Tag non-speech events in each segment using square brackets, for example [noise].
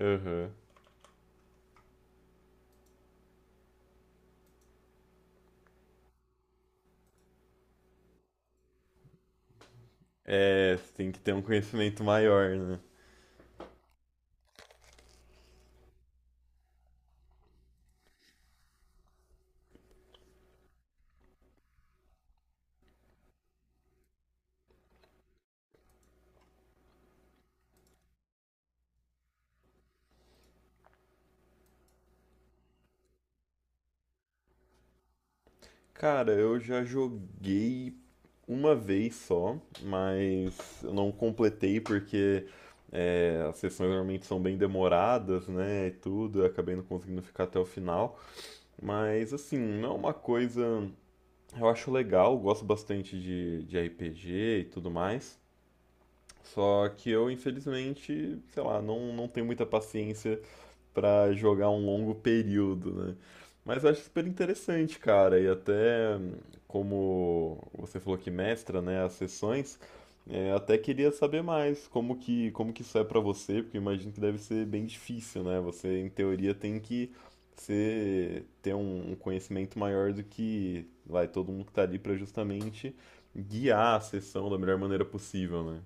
Aham. É, você tem que ter um conhecimento maior, né? Cara, eu já joguei uma vez só, mas eu não completei porque as sessões normalmente são bem demoradas, né? E tudo, eu acabei não conseguindo ficar até o final. Mas assim, não é uma coisa. Eu acho legal, gosto bastante de RPG e tudo mais. Só que eu, infelizmente, sei lá, não tenho muita paciência para jogar um longo período, né? Mas eu acho super interessante, cara. E até como você falou que mestra, né, as sessões, até queria saber mais como que isso é para você, porque eu imagino que deve ser bem difícil, né? Você em teoria tem que ser ter um, um conhecimento maior do que vai todo mundo que tá ali para justamente guiar a sessão da melhor maneira possível, né?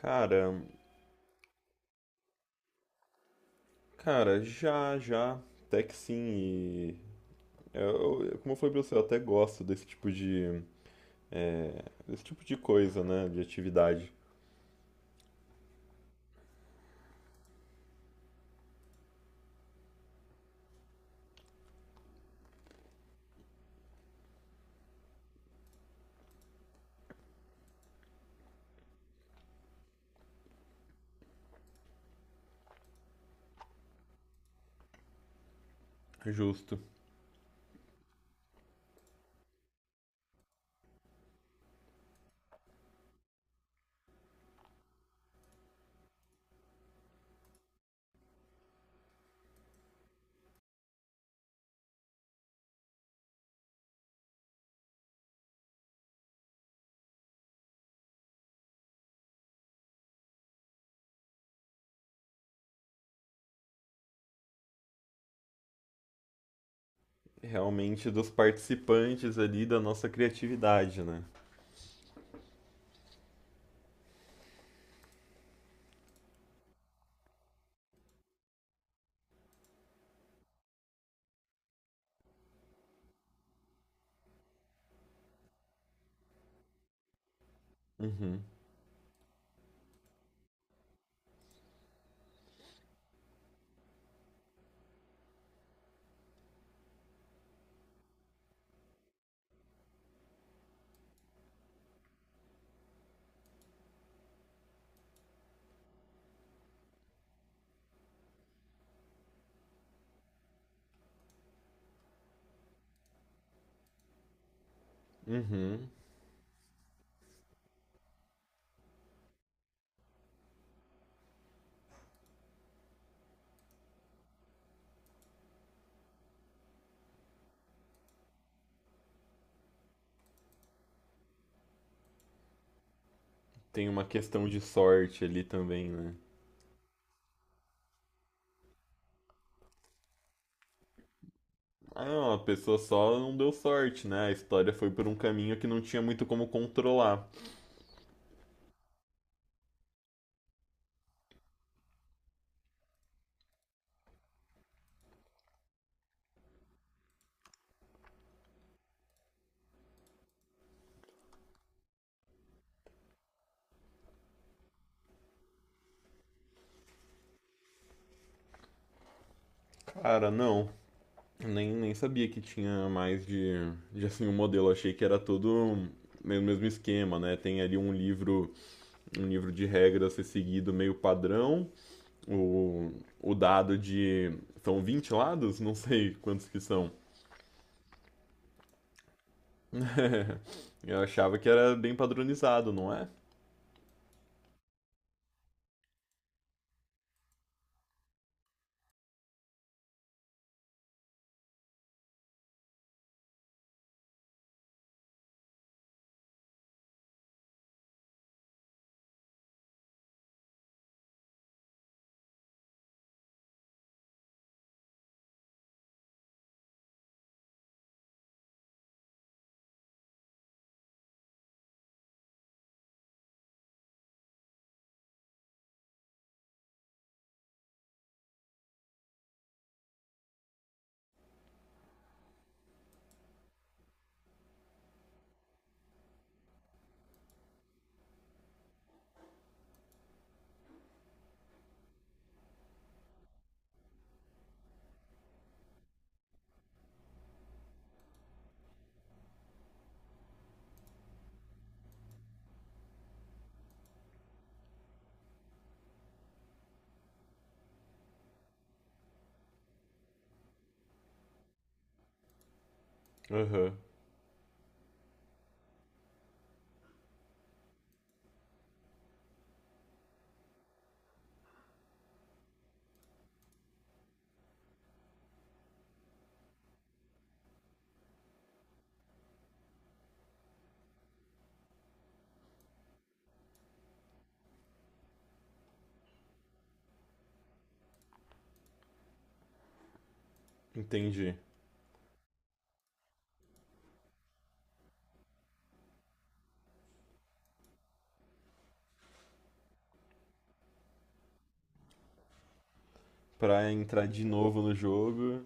Cara, cara, até que sim. Como eu falei pra você, eu até gosto desse tipo de, é, desse tipo de coisa, né? De atividade. Justo. Realmente dos participantes ali, da nossa criatividade, né? Uhum. Uhum. Tem uma questão de sorte ali também, né? Ah, não, a pessoa só não deu sorte, né? A história foi por um caminho que não tinha muito como controlar. Cara, não. Nem sabia que tinha mais de assim, um modelo. Achei que era todo o mesmo esquema, né? Tem ali um livro de regras a ser seguido meio padrão, o, o dado de. São 20 lados? Não sei quantos que são. [laughs] Eu achava que era bem padronizado, não é? Aham, uhum, entendi. Pra entrar de novo no jogo.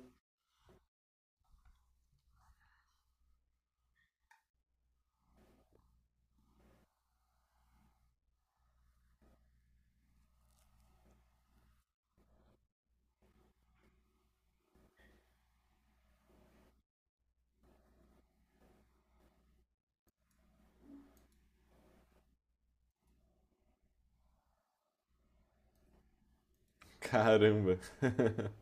Caramba. [laughs]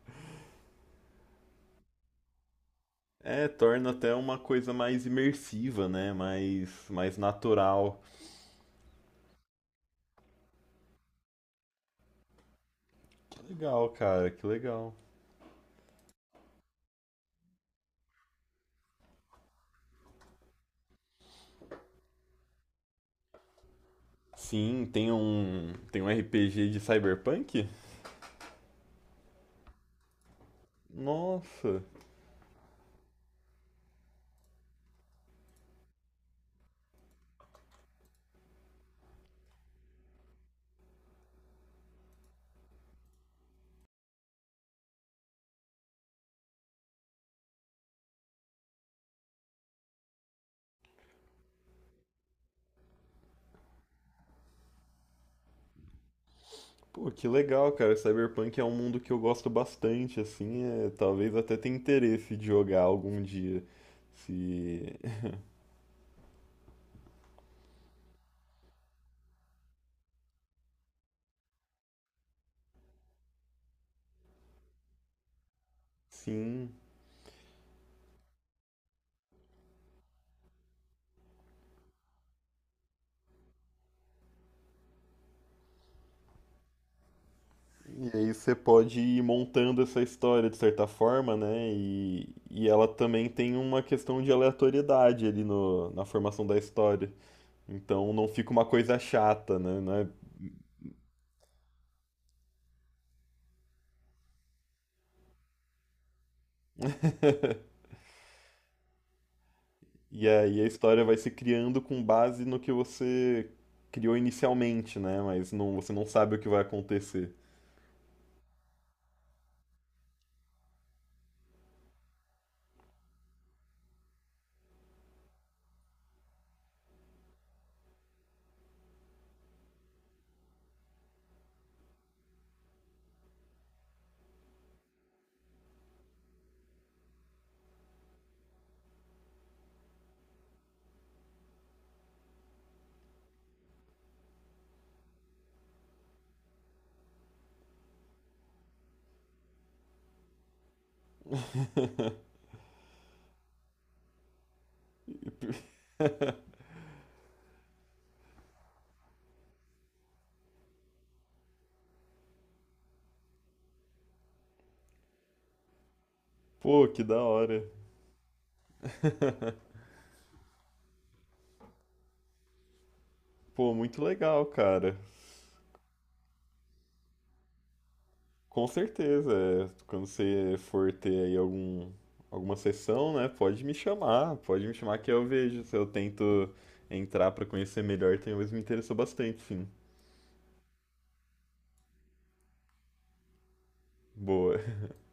É, torna até uma coisa mais imersiva, né? Mais, mais natural. Que legal, cara, que legal. Sim, tem um RPG de Cyberpunk? Nossa. Pô, que legal, cara. Cyberpunk é um mundo que eu gosto bastante, assim, é, talvez até tenha interesse de jogar algum dia. Se [laughs] sim, e aí você pode ir montando essa história de certa forma, né? E ela também tem uma questão de aleatoriedade ali no, na formação da história. Então não fica uma coisa chata, né? Não é. E aí a história vai se criando com base no que você criou inicialmente, né? Mas não, você não sabe o que vai acontecer. [laughs] Pô, que da hora. Pô, muito legal, cara. Com certeza. É, quando você for ter aí algum, alguma sessão, né? Pode me chamar. Pode me chamar que eu vejo. Se eu tento entrar pra conhecer melhor, talvez me interessou bastante, sim. Boa.